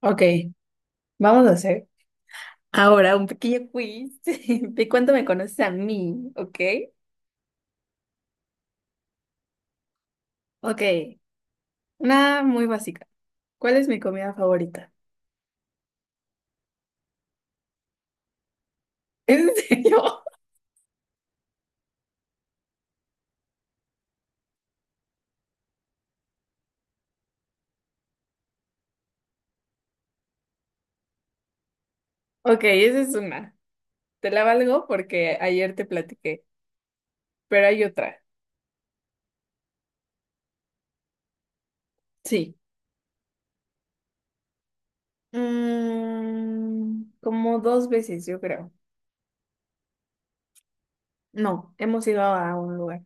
Ok, vamos a hacer ahora un pequeño quiz de cuánto me conoces a mí, ¿ok? Ok, una muy básica. ¿Cuál es mi comida favorita? ¿En serio? Ok, esa es una. Te la valgo porque ayer te platiqué, pero hay otra. Sí. Como dos veces, yo creo. No, hemos ido a un lugar.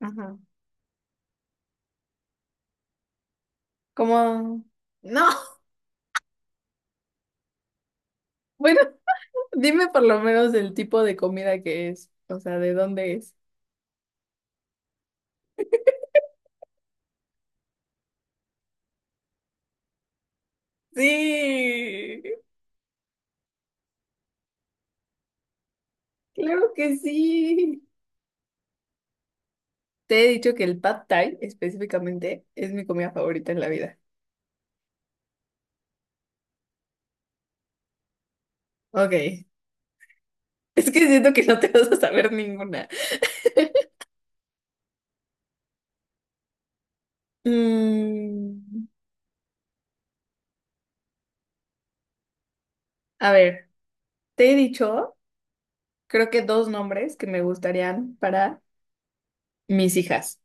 Ajá. Como... No. Bueno, dime por lo menos el tipo de comida que es, o sea, de dónde es. Sí, claro que sí. Te he dicho que el pad thai específicamente es mi comida favorita en la vida. Ok, es que siento que no te vas a saber ninguna. Mm, a ver, te he dicho, creo que dos nombres que me gustarían para mis hijas.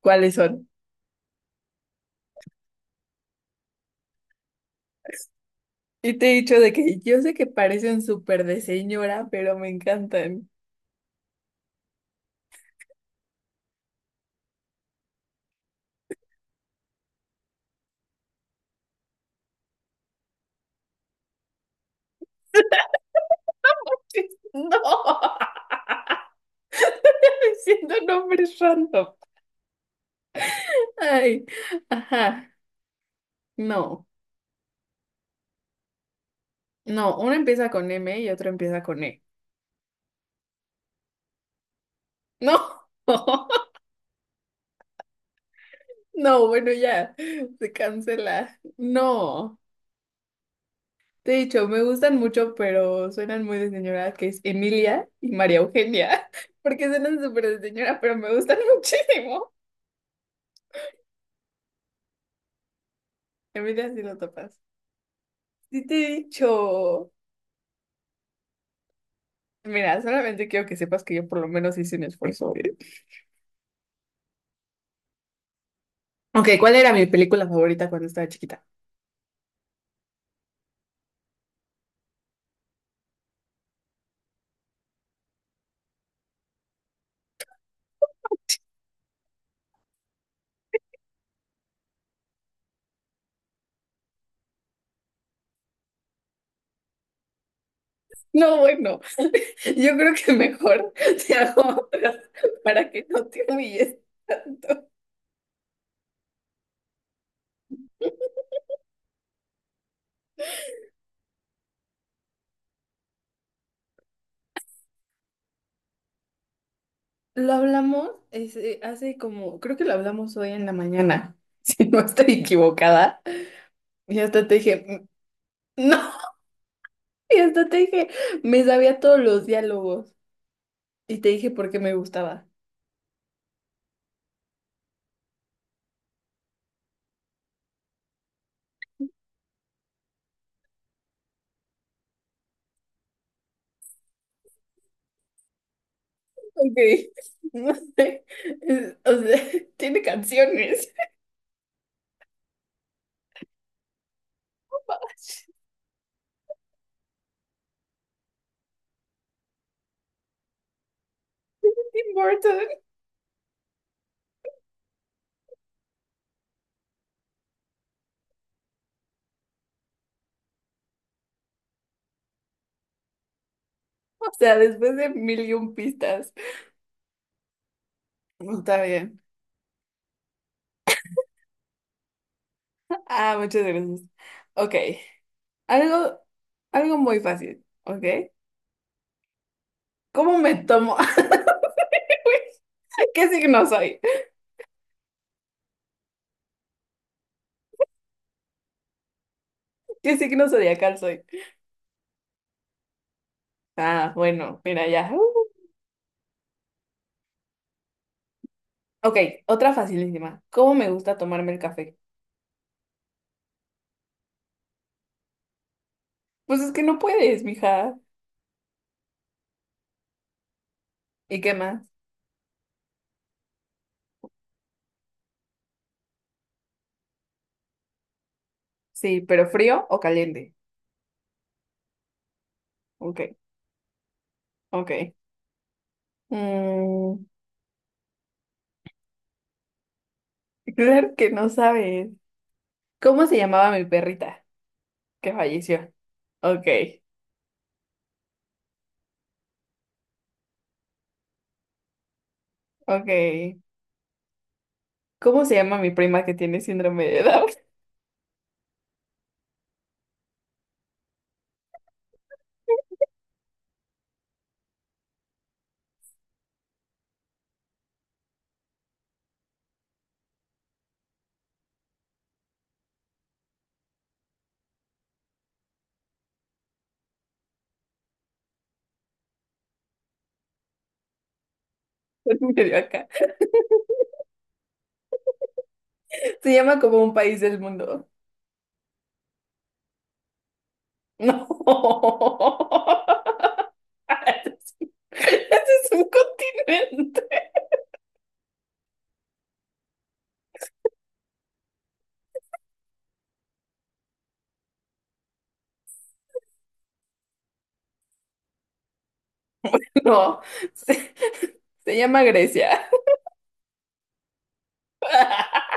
¿Cuáles son? Y te he dicho de que yo sé que parecen súper de señora, pero me encantan. No, siendo nombres random. Ay, ajá, no. No, uno empieza con M y otro empieza con E. No, no, bueno, ya, se cancela. No, te he dicho, me gustan mucho, pero suenan muy de señora, que es Emilia y María Eugenia, porque suenan súper de señora, pero me gustan muchísimo. Emilia, sí lo topas. Sí te he dicho. Mira, solamente quiero que sepas que yo por lo menos hice un esfuerzo, ¿eh? Ok, ¿cuál era mi película favorita cuando estaba chiquita? No, bueno. Yo creo que mejor te hago otras para que no te humilles. Lo hablamos hace como, creo que lo hablamos hoy en la mañana, si no estoy equivocada. Y hasta te dije, "Mm, no", y hasta te dije, me sabía todos los diálogos y te dije por qué me gustaba. Ok, no sé, o sea, tiene canciones. Tim Burton, o sea, después de mil y un pistas. Está bien. Ah, muchas gracias. Ok. Algo, algo muy fácil, ¿ok? ¿Cómo me tomo? ¿Qué signo soy? ¿Qué signo zodiacal soy? Ah, bueno, mira ya. Ok, otra facilísima. ¿Cómo me gusta tomarme el café? Pues es que no puedes, mija. ¿Y qué más? Sí, pero ¿frío o caliente? Ok, ok. Mm, claro que no sabes. ¿Cómo se llamaba mi perrita que falleció? Ok, ok. ¿Cómo se llama mi prima que tiene síndrome de Down? Medio acá. Se llama como un país del mundo. No. Ese es un continente. No. Se, se llama Grecia.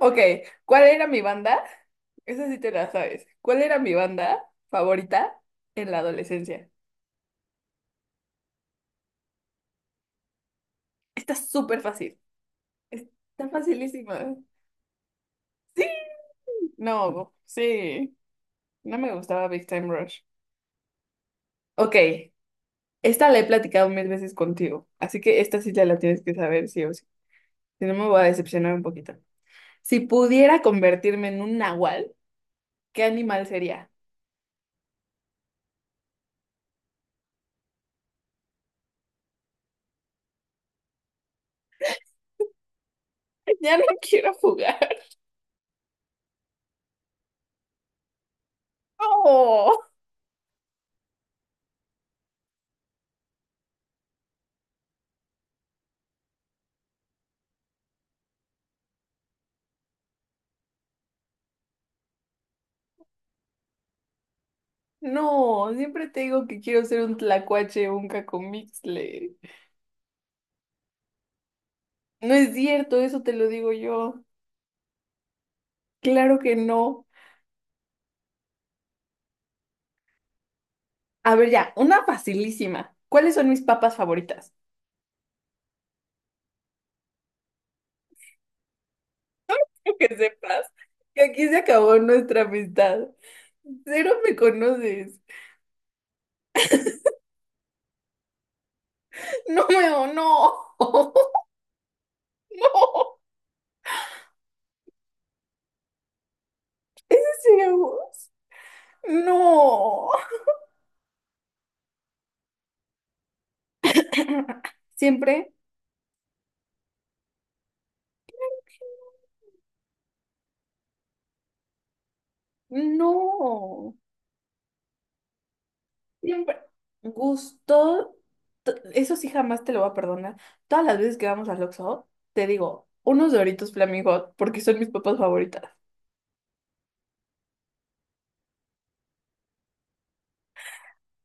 Ok, ¿cuál era mi banda? Esa sí te la sabes. ¿Cuál era mi banda favorita en la adolescencia? Está súper fácil. Está facilísima. Sí. No, sí. No me gustaba Big Time Rush. Ok, esta la he platicado mil veces contigo, así que esta sí te la tienes que saber sí o sí. Si no, me voy a decepcionar un poquito. Si pudiera convertirme en un nahual, ¿qué animal sería? Ya no quiero jugar. No, no, siempre te digo que quiero ser un tlacuache o un cacomixle. No es cierto, eso te lo digo yo. Claro que no. A ver, ya, una facilísima. ¿Cuáles son mis papas favoritas? Quiero que sepas que aquí se acabó nuestra amistad. Cero me conoces. No, weón, no. No. Zeus. No. Siempre. No. Siempre. Gusto. Eso sí jamás te lo voy a perdonar. Todas las veces que vamos al Oxxo, te digo, unos Doritos Flaming Hot, porque son mis papas favoritas.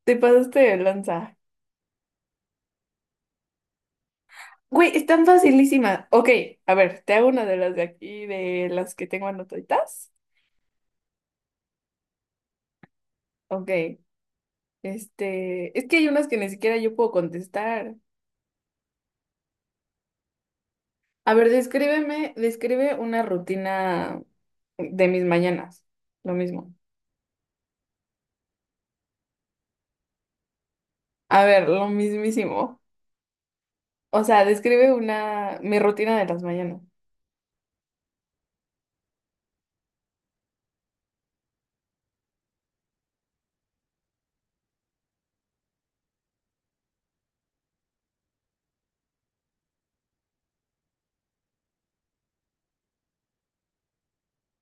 Te pasaste de lanza. Güey, están facilísimas. Ok, a ver, te hago una de las de aquí, de las que tengo anotaditas. Ok. Es que hay unas que ni siquiera yo puedo contestar. A ver, describe una rutina de mis mañanas. Lo mismo. A ver, lo mismísimo. O sea, mi rutina de las mañanas.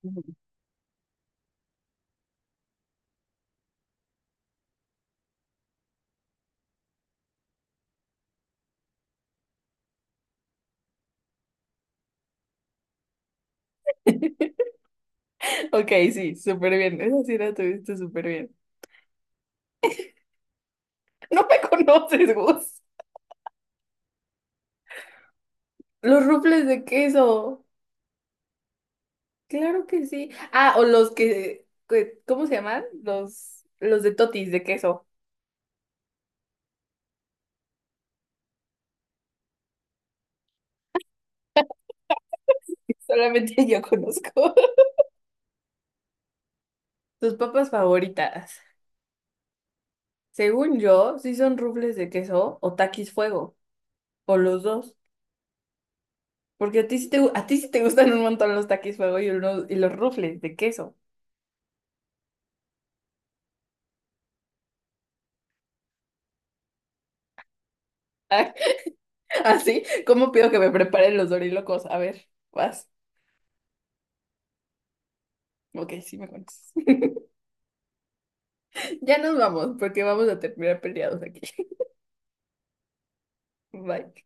Ujú. Ok, sí, súper bien. Esa sí la tuviste súper bien. No me conoces, Gus. Los rufles de queso. Claro que sí. Ah, o los que ¿cómo se llaman? Los de totis de queso. Solamente yo conozco. Tus papas favoritas. Según yo, sí son rufles de queso o taquis fuego, o los dos. Porque a ti sí te a ti sí te gustan un montón los taquis fuego y y los rufles de queso. Ah, así, ¿cómo pido que me preparen los dorilocos? A ver, vas. Ok, sí me conoces. Ya nos vamos, porque vamos a terminar peleados aquí. Bye.